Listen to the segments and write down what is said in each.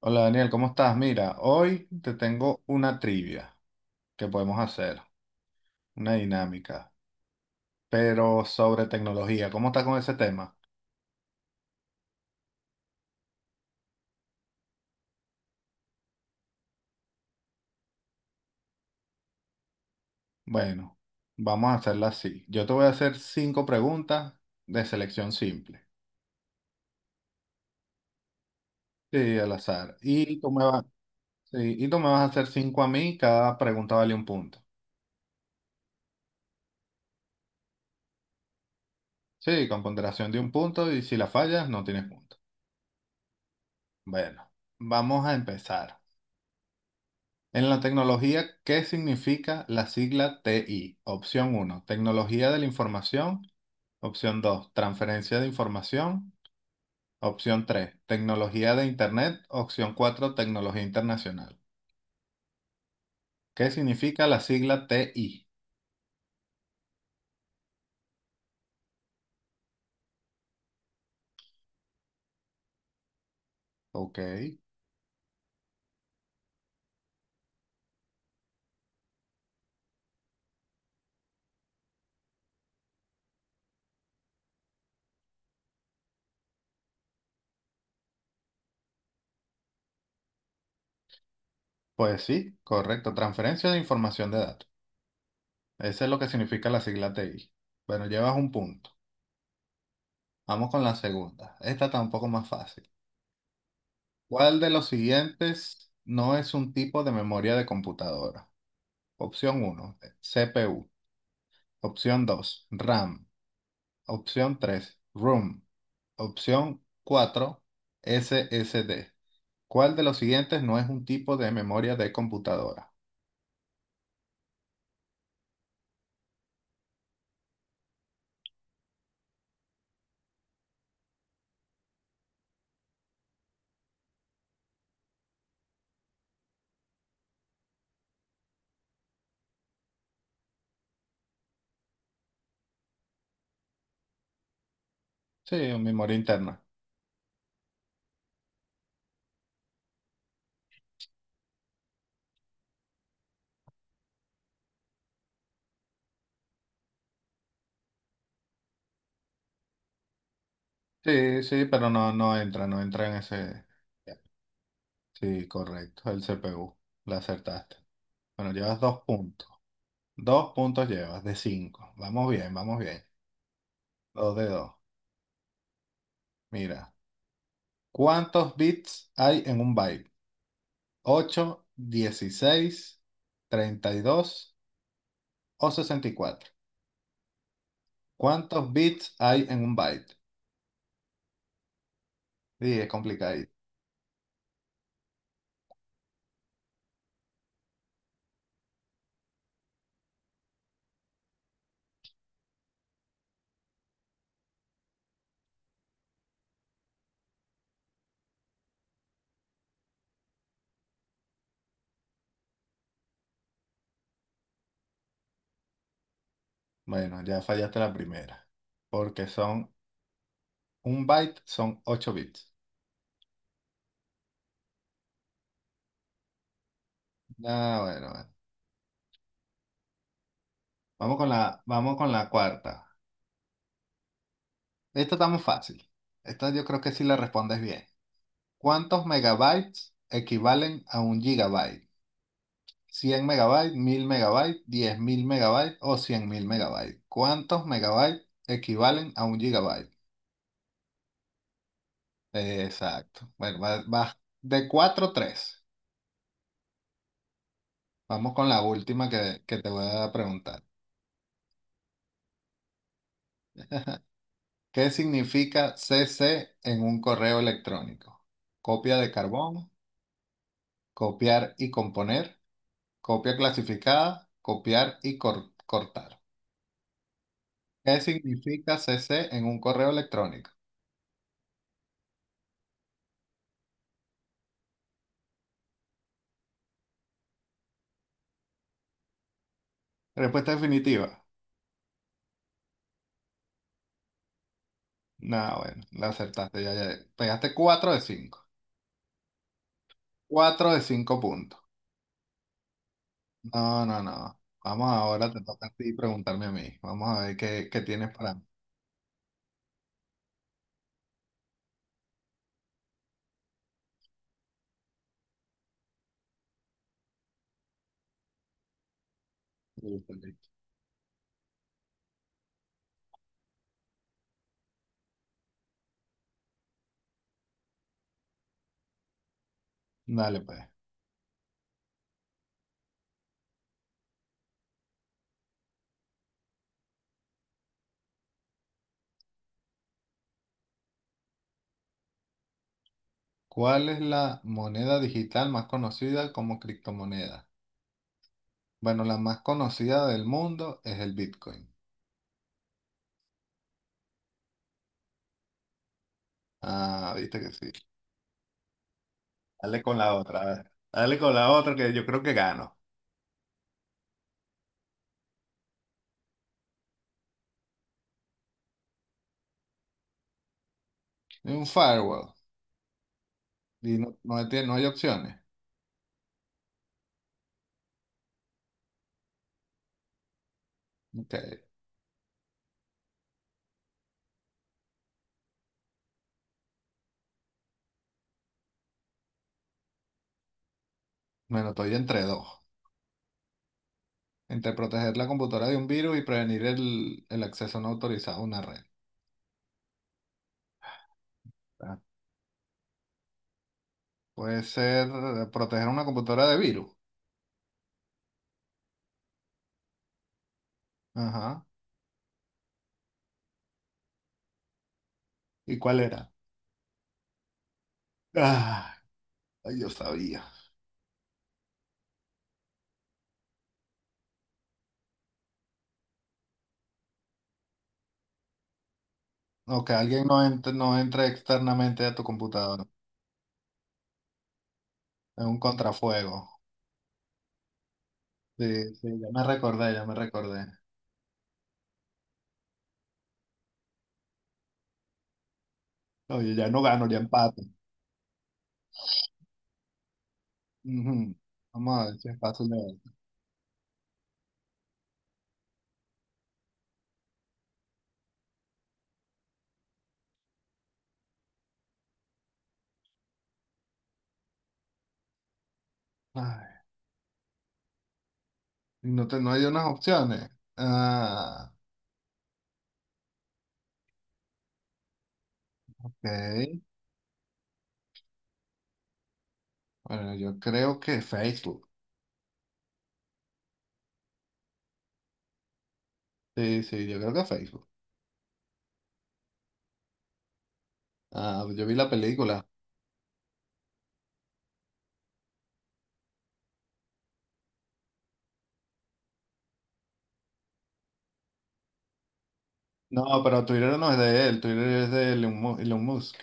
Hola Daniel, ¿cómo estás? Mira, hoy te tengo una trivia que podemos hacer, una dinámica, pero sobre tecnología. ¿Cómo estás con ese tema? Bueno, vamos a hacerla así. Yo te voy a hacer cinco preguntas de selección simple, sí, al azar. Y tú me vas a hacer cinco a mí, cada pregunta vale un punto. Sí, con ponderación de un punto y si la fallas no tienes punto. Bueno, vamos a empezar. En la tecnología, ¿qué significa la sigla TI? Opción uno, tecnología de la información. Opción 2, transferencia de información. Opción 3, tecnología de Internet. Opción 4, tecnología internacional. ¿Qué significa la sigla TI? Ok, pues sí, correcto, transferencia de información de datos. Eso es lo que significa la sigla TI. Bueno, llevas un punto. Vamos con la segunda. Esta está un poco más fácil. ¿Cuál de los siguientes no es un tipo de memoria de computadora? Opción 1, CPU. Opción 2, RAM. Opción 3, ROM. Opción 4, SSD. ¿Cuál de los siguientes no es un tipo de memoria de computadora? Sí, memoria interna. Sí, sí, pero no, no entra, no entra en ese. Sí, correcto, el CPU. La acertaste. Bueno, llevas dos puntos. Dos puntos llevas de cinco. Vamos bien, vamos bien. Dos de dos. Mira, ¿cuántos bits hay en un byte? ¿Ocho, dieciséis, treinta y dos o sesenta y cuatro? ¿Cuántos bits hay en un byte? Sí, es complicado. Bueno, ya fallaste la primera, porque son un byte, son 8 bits. Ah, bueno, bueno. Vamos con la cuarta. Esta está muy fácil. Esta yo creo que sí la respondes bien. ¿Cuántos megabytes equivalen a un gigabyte? Cien megabytes, 1000 megabytes, 10.000 megabytes o 100.000 megabytes. ¿Cuántos megabytes equivalen a un gigabyte? Exacto. Bueno, vas de 4 a 3. Vamos con la última que te voy a preguntar. ¿Qué significa CC en un correo electrónico? Copia de carbón, copiar y componer, copia clasificada, cortar. ¿Qué significa CC en un correo electrónico? Respuesta definitiva. No, bueno, la acertaste, ya, ya. Pegaste 4 de cinco, 4 de 5 puntos. No, no, no. Vamos ahora, te toca a ti preguntarme a mí. Vamos a ver qué, qué tienes para mí. Listo, listo. Dale, pues. ¿Cuál es la moneda digital más conocida como criptomoneda? Bueno, la más conocida del mundo es el Bitcoin. Ah, viste que sí. Dale con la otra, a ver. Dale con la otra que yo creo que gano. Un firewall. Y no, no, tiene- no hay opciones. Ok. Bueno, estoy entre dos, entre proteger la computadora de un virus y prevenir el acceso no autorizado a una red. Ah, puede ser proteger una computadora de virus. Ajá. ¿Y cuál era? Ah, ay, yo sabía. No, que alguien no entre, no entre externamente a tu computadora. Es un contrafuego. Sí, sí, ya me recordé, ya me recordé. Oye, ya no gano, ya empato. Ujú. Vamos a ver si es fácil de ver. Ay, no, te, no hay unas opciones. Ah, ok. Bueno, yo creo que Facebook. Sí, sí, yo creo que Facebook. Ah, yo vi la película. No, pero Twitter no es de él, Twitter es de Elon Musk.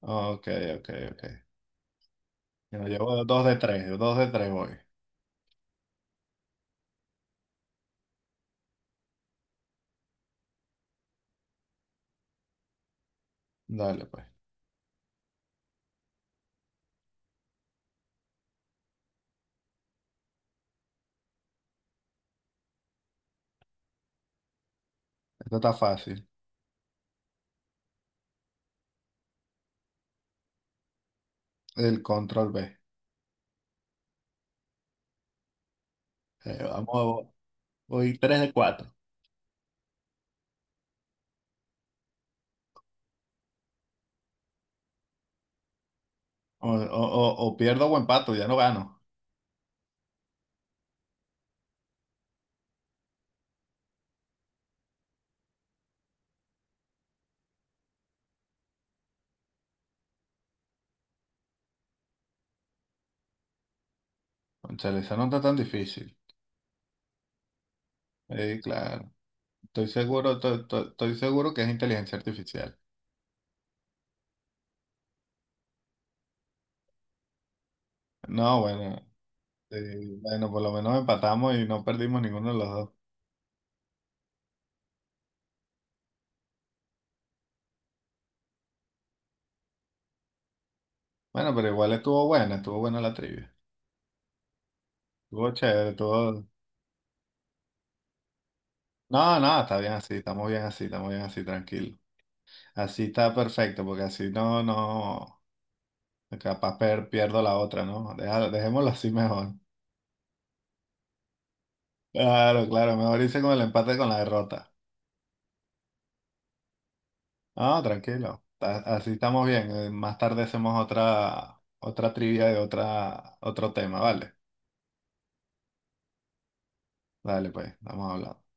Ok, ok, ok. Yo llevo dos de tres voy. Dale, pues. Esto está fácil. El control B. Eh, vamos, a- Voy tres de cuatro. O, o pierdo o empato, ya no gano. Cónchale, esa no está tan difícil. Sí, claro. Estoy seguro, estoy seguro que es inteligencia artificial. No, bueno, sí, bueno, por lo menos empatamos y no perdimos ninguno de los dos. Bueno, pero igual estuvo buena la trivia. Estuvo chévere, estuvo... No, no, está bien así, estamos bien así, estamos bien así, tranquilo. Así está perfecto, porque así no, no, pierdo la otra, ¿no? Dejémoslo así mejor. Claro, claro, mejor hice con el empate que con la derrota. No, tranquilo, así estamos bien. Más tarde hacemos otra, otra trivia de otra, otro tema, ¿vale? Dale, pues, vamos hablando.